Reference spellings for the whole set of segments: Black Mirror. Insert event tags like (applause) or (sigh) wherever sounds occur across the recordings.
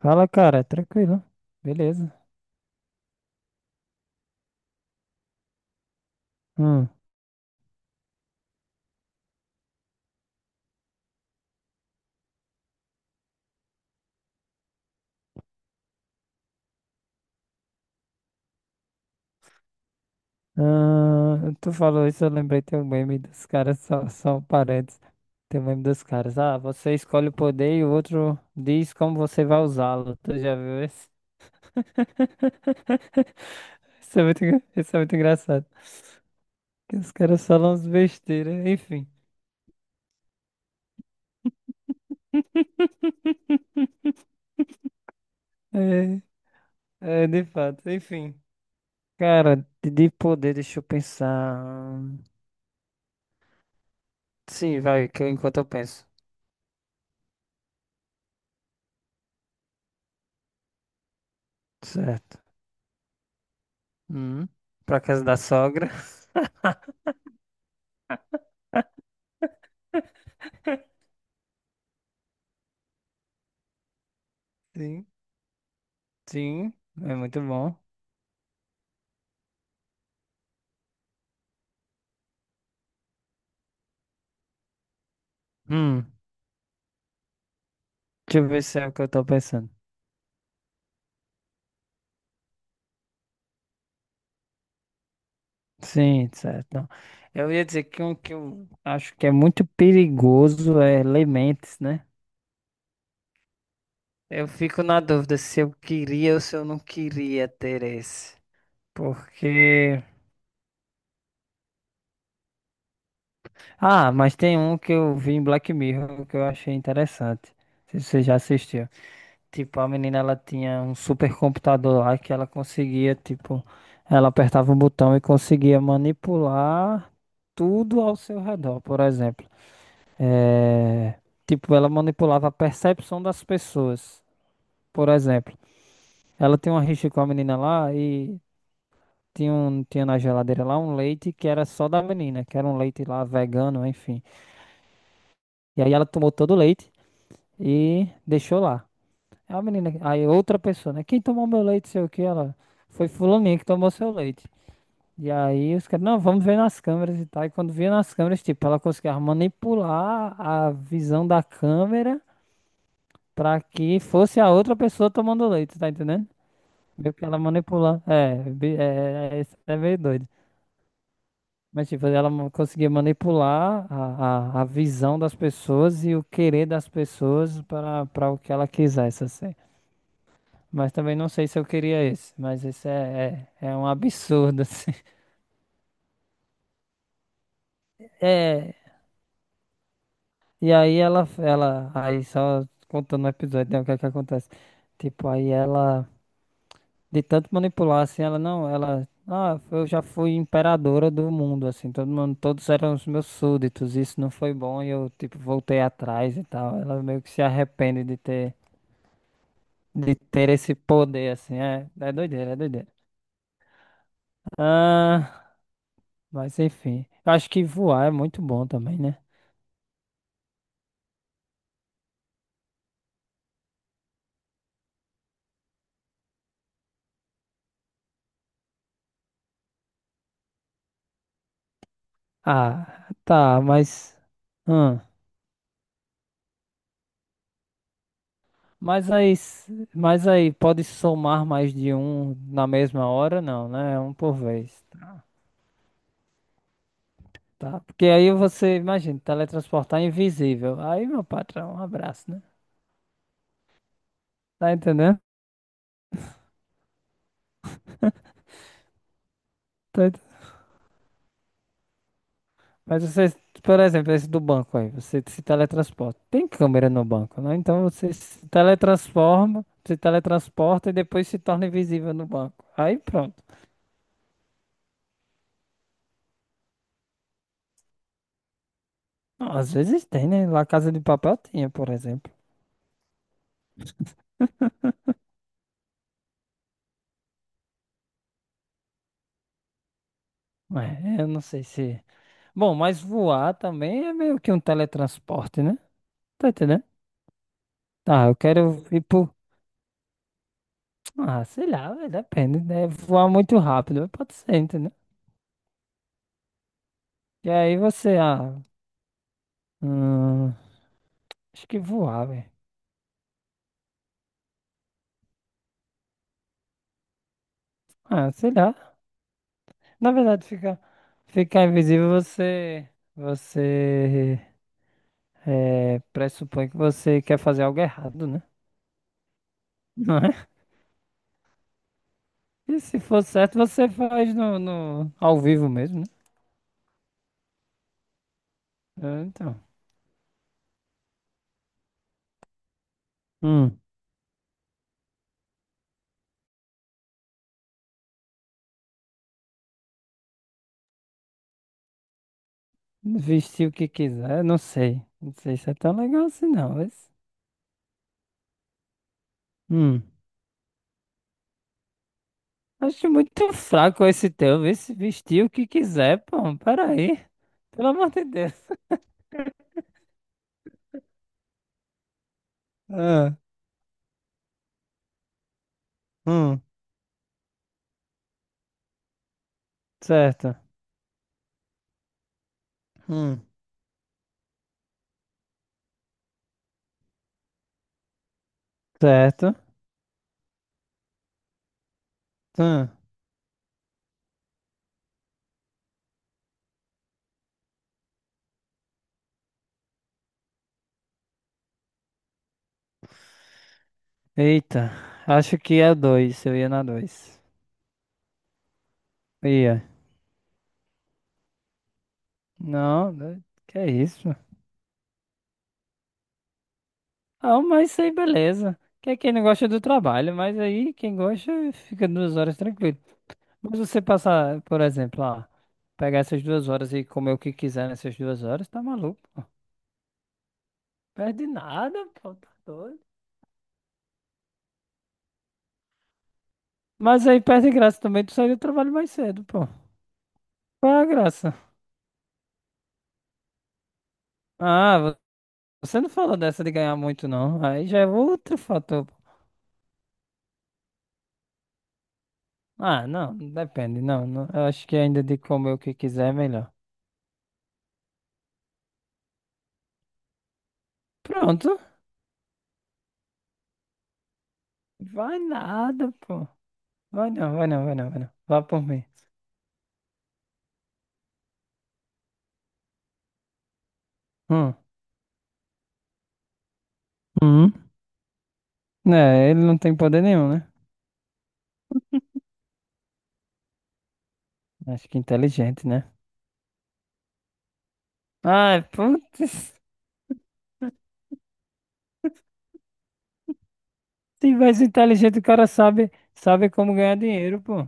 Fala, cara, tranquilo. Beleza. Hum. Ah, tu falou isso, eu lembrei teu meme dos caras, só parentes. Tem o meme dos caras. Ah, você escolhe o poder e o outro diz como você vai usá-lo. Tu já viu esse? (laughs) Isso é muito, isso é muito engraçado. Que os caras falam uns besteiras, enfim. (laughs) É, de fato, enfim. Cara, de poder, deixa eu pensar. Sim, vai, enquanto eu penso. Certo. Hum. Pra casa da sogra. (laughs) Sim. Sim. É muito bom. Hum. Deixa eu ver se é o que eu tô pensando. Sim, certo. Não. Eu ia dizer que um que eu acho que é muito perigoso é Lementes, né? Eu fico na dúvida se eu queria ou se eu não queria ter esse. Porque. Ah, mas tem um que eu vi em Black Mirror que eu achei interessante. Se você já assistiu. Tipo, a menina ela tinha um super computador lá que ela conseguia, tipo, ela apertava um botão e conseguia manipular tudo ao seu redor, por exemplo. É, tipo, ela manipulava a percepção das pessoas. Por exemplo, ela tinha uma rixa com a menina lá e tinha, um, tinha na geladeira lá um leite que era só da menina, que era um leite lá vegano, enfim. E aí ela tomou todo o leite e deixou lá. É uma menina. Aí outra pessoa, né? Quem tomou meu leite, sei o que, ela. Foi fulaninha que tomou seu leite. E aí os caras, não, vamos ver nas câmeras e tal. E quando via nas câmeras, tipo, ela conseguia manipular a visão da câmera pra que fosse a outra pessoa tomando leite, tá entendendo? Meio que ela manipula. É, isso é meio doido. Mas, tipo, conseguia manipular a, a visão das pessoas e o querer das pessoas para o que ela quisesse, assim. Mas também não sei se eu queria esse. Mas esse é um absurdo, (laughs) assim. É. E aí ela. Aí só contando o episódio, né? O que é que acontece? Tipo, aí ela. De tanto manipular, assim, ela não. Ela. Ah, eu já fui imperadora do mundo, assim. Todo mundo, todos eram os meus súditos. Isso não foi bom e eu, tipo, voltei atrás e tal. Ela meio que se arrepende de ter. De ter esse poder, assim. É, é doideira. Ah, mas enfim. Eu acho que voar é muito bom também, né? Ah, tá, mas. Hum, mas aí, pode somar mais de um na mesma hora? Não, né? É um por vez. Tá. Tá. Porque aí você, imagina, teletransportar é invisível. Aí, meu patrão, um abraço, né? Tá entendendo? Tá ent- Mas você, por exemplo, esse do banco aí, você se teletransporta. Tem câmera no banco, né? Então você se teletransporta e depois se torna invisível no banco. Aí pronto. Não, às vezes tem, né? Lá Casa de Papel tinha, por exemplo. É, eu não sei se. Bom, mas voar também é meio que um teletransporte, né? Tá entendendo? Tá, eu quero ir pro. Ah, sei lá, velho, depende, né? Voar muito rápido, pode ser, entendeu? E aí você, hum, acho que voar, velho. Ah, sei lá. Na verdade, ficar invisível, você é, pressupõe que você quer fazer algo errado, né? (laughs) Não é? E se for certo, você faz no ao vivo mesmo, né? É, então. Hum. Vestir o que quiser, não sei. Não sei se é tão legal assim, não. Mas. Hum. Acho muito fraco esse teu. Vê se vestir o que quiser, pô. Peraí. Pelo amor de Deus. (laughs) Ah, hum, certo. Hum, certo. Hum. Eita, acho que é dois. Eu ia na dois. Ia. Não, né, que é isso? Ah, mas isso aí, beleza. Que é quem não gosta do trabalho, mas aí quem gosta fica duas horas tranquilo. Mas você passar, por exemplo, ó, pegar essas duas horas e comer o que quiser nessas duas horas, tá maluco? Pô. Perde nada, pô, tá doido. Mas aí perde graça também, tu sair do trabalho mais cedo, pô. Qual é a graça? Ah, vo- você não falou dessa de ganhar muito, não. Aí já é outro fator. Pô. Ah, não, depende, não. Eu acho que ainda de comer o que quiser é melhor. Pronto. Vai nada, pô. Vai não, vai não, vai não, vai não. Vá por mim. Hum. Hum. É, ele não tem poder nenhum, né? Acho que inteligente, né? Ai, putz. Se mais inteligente, o cara sabe como ganhar dinheiro, pô.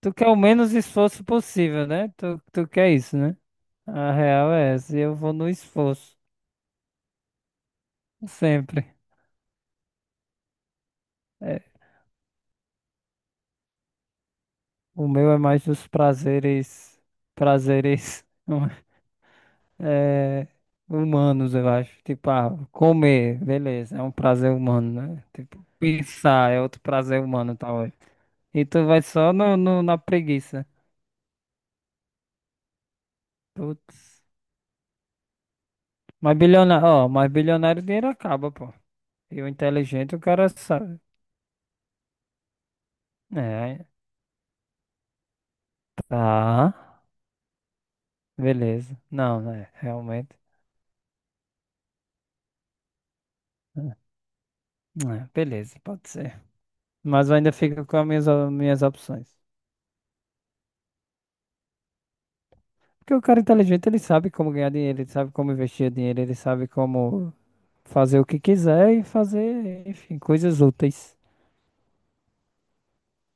Tu quer o menos esforço possível, né? Tu quer isso, né? A real é essa. E eu vou no esforço. Sempre. É, o meu é mais dos prazeres. Prazeres. (laughs) É, humanos, eu acho. Tipo, ah, comer, beleza. É um prazer humano, né? Tipo, pensar é outro prazer humano, talvez. E tu vai só na preguiça. Putz. Mas bilionário, ó, mas bilionário o dinheiro acaba, pô. E o inteligente o cara sabe. É, tá. Beleza. Não, né? Realmente. É, beleza, pode ser. Mas eu ainda fico com as minhas opções. Porque o cara inteligente, ele sabe como ganhar dinheiro, ele sabe como investir dinheiro, ele sabe como fazer o que quiser e fazer, enfim, coisas úteis.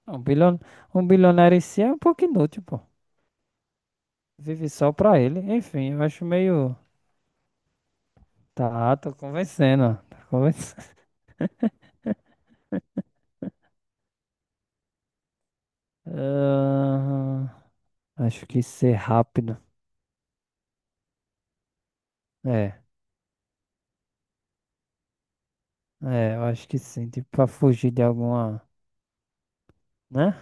Um bilhon, um bilionário em si é um pouco inútil, pô. Vive só pra ele. Enfim, eu acho meio. Tá, tô convencendo. Ó. Tô convencendo. Ahn, acho que ser rápido. É, eu acho que sim. Tipo, pra fugir de alguma. Né?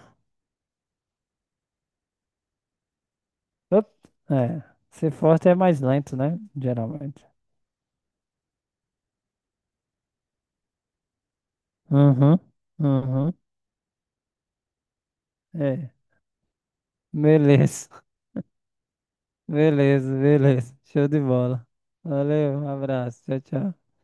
Op, é. Ser forte é mais lento, né? Geralmente. Uhum, uhum. É. Beleza, (laughs) beleza, beleza. Show de bola. Valeu, um abraço. Tchau, tchau.